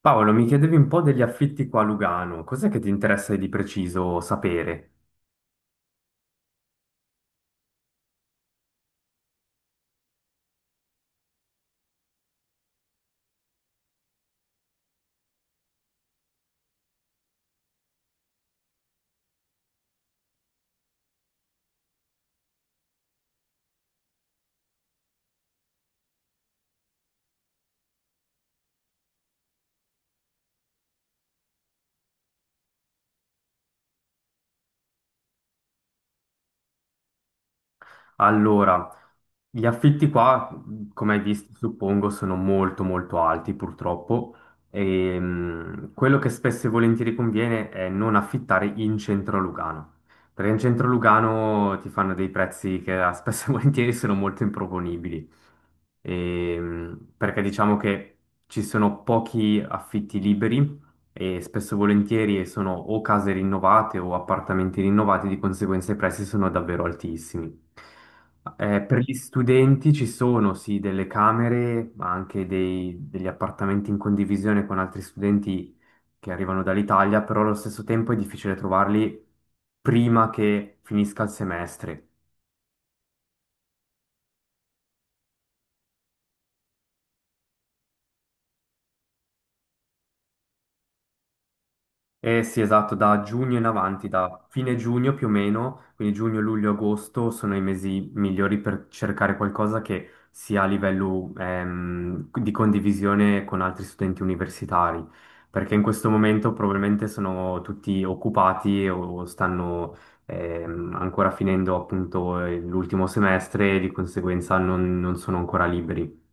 Paolo, mi chiedevi un po' degli affitti qua a Lugano, cos'è che ti interessa di preciso sapere? Allora, gli affitti qua, come hai visto, suppongo, sono molto molto alti purtroppo e quello che spesso e volentieri conviene è non affittare in centro a Lugano, perché in centro a Lugano ti fanno dei prezzi che spesso e volentieri sono molto improponibili. Perché diciamo che ci sono pochi affitti liberi e spesso e volentieri sono o case rinnovate o appartamenti rinnovati, di conseguenza i prezzi sono davvero altissimi. Per gli studenti ci sono sì delle camere, ma anche degli appartamenti in condivisione con altri studenti che arrivano dall'Italia, però allo stesso tempo è difficile trovarli prima che finisca il semestre. Eh sì, esatto, da giugno in avanti, da fine giugno più o meno, quindi giugno, luglio, agosto sono i mesi migliori per cercare qualcosa che sia a livello di condivisione con altri studenti universitari, perché in questo momento probabilmente sono tutti occupati o stanno ancora finendo appunto l'ultimo semestre e di conseguenza non sono ancora liberi.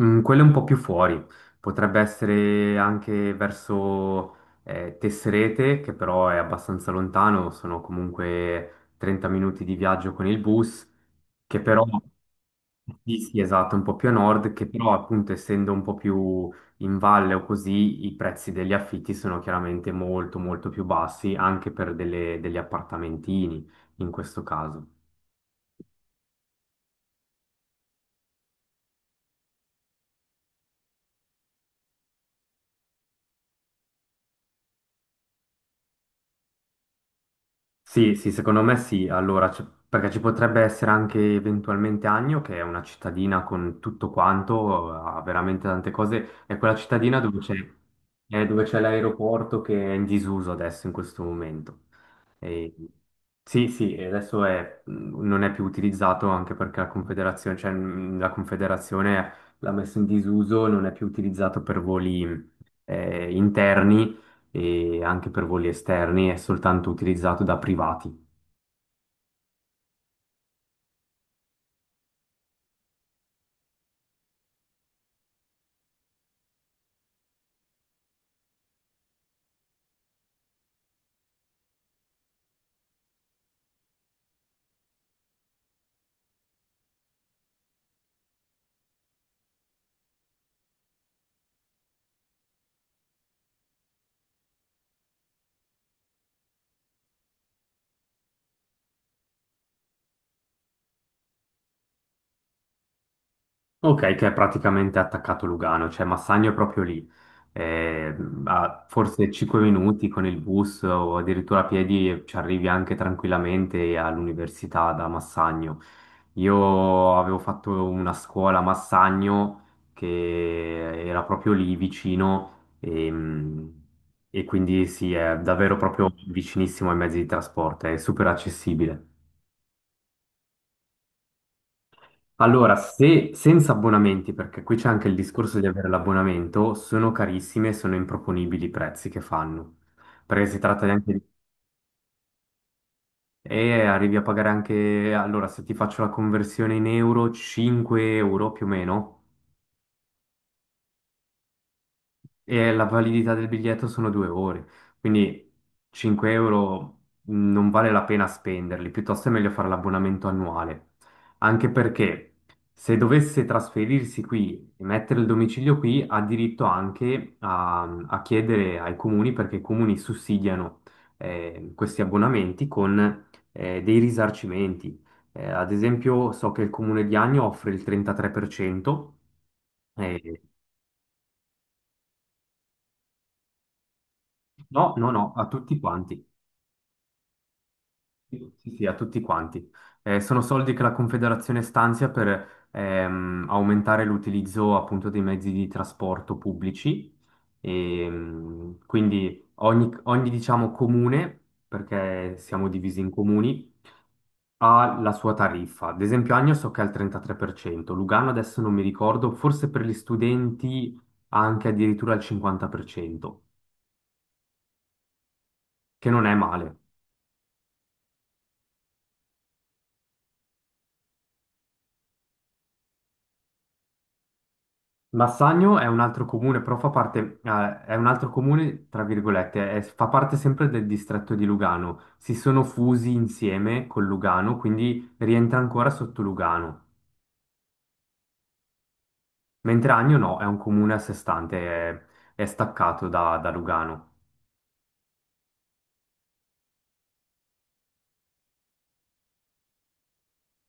Mm, quello è un po' più fuori, potrebbe essere anche verso Tesserete, che però è abbastanza lontano, sono comunque 30 minuti di viaggio con il bus, che però, sì, sì, esatto, un po' più a nord, che però appunto essendo un po' più in valle o così, i prezzi degli affitti sono chiaramente molto molto più bassi, anche per degli appartamentini in questo caso. Sì, sì, secondo me sì. Allora, perché ci potrebbe essere anche eventualmente Agno, che è una cittadina con tutto quanto, ha veramente tante cose. È quella cittadina dove c'è è dove c'è l'aeroporto che è in disuso adesso in questo momento. E- sì, sì, e non è più utilizzato anche perché la Confederazione, cioè, la Confederazione l'ha messo in disuso, non è più utilizzato per voli interni e anche per voli esterni, è soltanto utilizzato da privati. Ok, che è praticamente attaccato Lugano, cioè Massagno è proprio lì, Eh, a forse 5 minuti con il bus o addirittura a piedi ci arrivi anche tranquillamente all'università da Massagno. Io avevo fatto una scuola a Massagno che era proprio lì vicino e quindi sì, è davvero proprio vicinissimo ai mezzi di trasporto, è super accessibile. Allora, se senza abbonamenti, perché qui c'è anche il discorso di avere l'abbonamento, sono carissime e sono improponibili i prezzi che fanno. Perché si tratta di anche e arrivi a pagare anche. Allora, se ti faccio la conversione in euro, 5 euro più o meno e la validità del biglietto sono 2 ore, quindi 5 euro non vale la pena spenderli, piuttosto è meglio fare l'abbonamento annuale, anche perché se dovesse trasferirsi qui e mettere il domicilio qui, ha diritto anche a, a chiedere ai comuni, perché i comuni sussidiano questi abbonamenti con dei risarcimenti. Ad esempio, so che il comune di Agno offre il 33%, eh, no, no, no, a tutti quanti. Sì, sì, sì, a tutti quanti. Sono soldi che la Confederazione stanzia per aumentare l'utilizzo appunto dei mezzi di trasporto pubblici. Quindi ogni, diciamo, comune, perché siamo divisi in comuni, ha la sua tariffa. Ad esempio, Agno so che è al 33%, Lugano adesso non mi ricordo, forse per gli studenti anche addirittura al 50%, che non è male. Massagno è un altro comune, però fa parte, è un altro comune, tra virgolette, fa parte sempre del distretto di Lugano. Si sono fusi insieme con Lugano, quindi rientra ancora sotto Lugano. Mentre Agno no, è un comune a sé stante, è staccato da, da Lugano.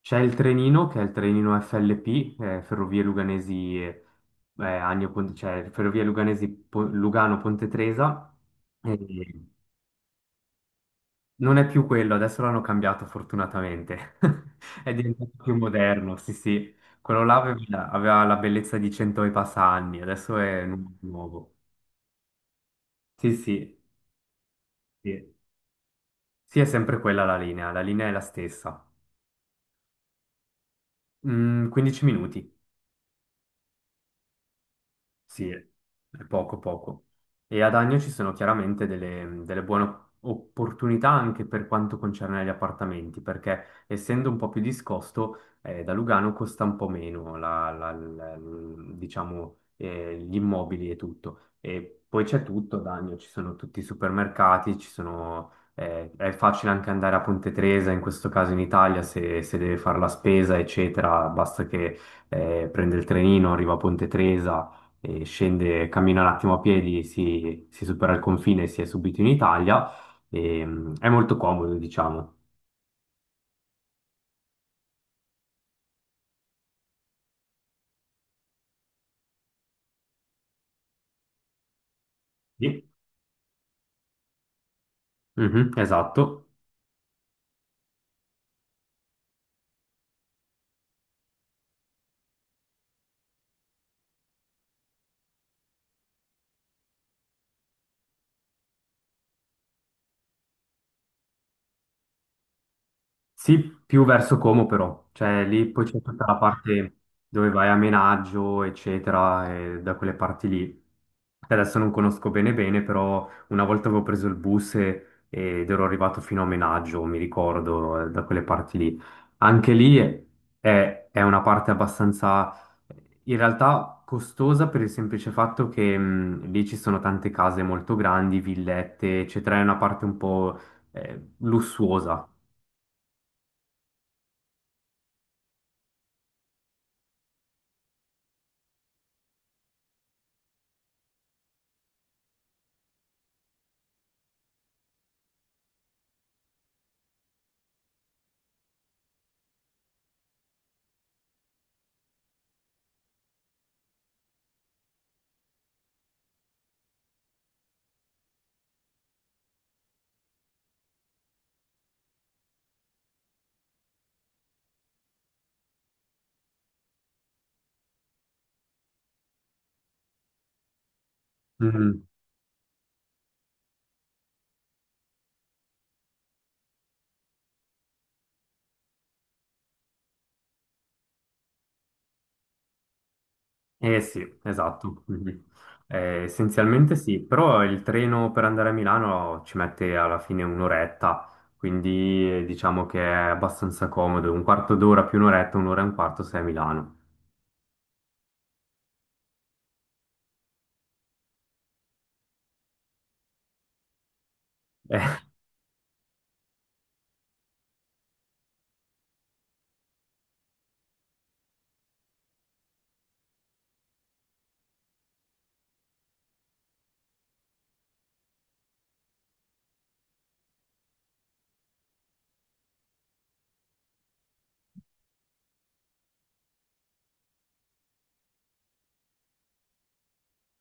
C'è il Trenino, che è il Trenino FLP, Ferrovie Luganesi, Agno, cioè Ferrovie Luganesi Lugano Ponte Tresa. Non è più quello, adesso l'hanno cambiato fortunatamente. È diventato più moderno, sì, sì. Quello là aveva la bellezza di 100 e passa anni, adesso è nuovo. Sì, sì, sì. Sì, è sempre quella la linea è la stessa. Mm, 15 minuti. Sì, è poco poco. E ad Agno ci sono chiaramente delle buone opportunità anche per quanto concerne gli appartamenti, perché essendo un po' più discosto, da Lugano costa un po' meno diciamo, gli immobili e tutto. E poi c'è tutto ad Agno, ci sono tutti i supermercati, ci sono, è facile anche andare a Ponte Tresa, in questo caso in Italia, se deve fare la spesa, eccetera, basta che prende il trenino, arriva a Ponte Tresa e scende, cammina un attimo a piedi, si supera il confine e si è subito in Italia. È molto comodo, diciamo. Sì. Mhm, esatto. Sì, più verso Como però, cioè lì poi c'è tutta la parte dove vai a Menaggio, eccetera, e da quelle parti lì. Adesso non conosco bene bene, però una volta avevo preso il bus ed ero arrivato fino a Menaggio, mi ricordo, da quelle parti lì. Anche lì è, è una parte abbastanza, in realtà costosa per il semplice fatto che lì ci sono tante case molto grandi, villette, eccetera, è una parte un po' lussuosa. Mhm. Eh sì, esatto. Mhm. Essenzialmente sì, però il treno per andare a Milano ci mette alla fine un'oretta, quindi diciamo che è abbastanza comodo, un quarto d'ora più un'oretta, un'ora e un quarto sei a Milano.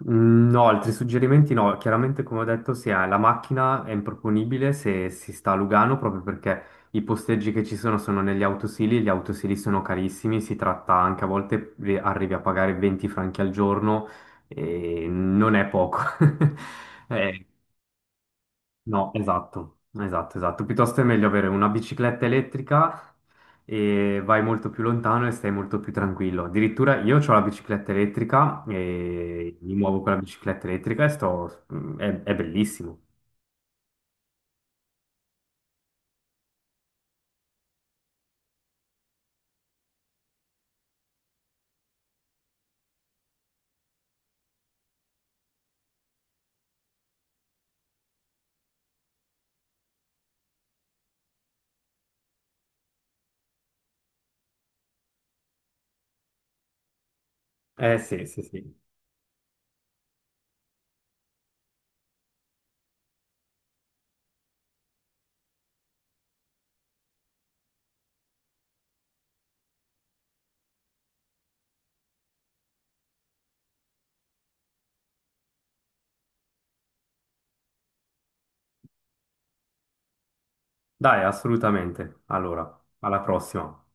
Mm, no, altri suggerimenti no, chiaramente come ho detto se hai la macchina è improponibile se si sta a Lugano proprio perché i posteggi che ci sono sono negli autosili, gli autosili sono carissimi, si tratta anche a volte arrivi a pagare 20 franchi al giorno e non è poco. Eh, no, esatto, esatto, esatto. Piuttosto è meglio avere una bicicletta elettrica e vai molto più lontano e stai molto più tranquillo. Addirittura io ho la bicicletta elettrica e mi muovo con la bicicletta elettrica e sto. È, è bellissimo. Eh sì, sì, sì. Dai, assolutamente. Allora, alla prossima.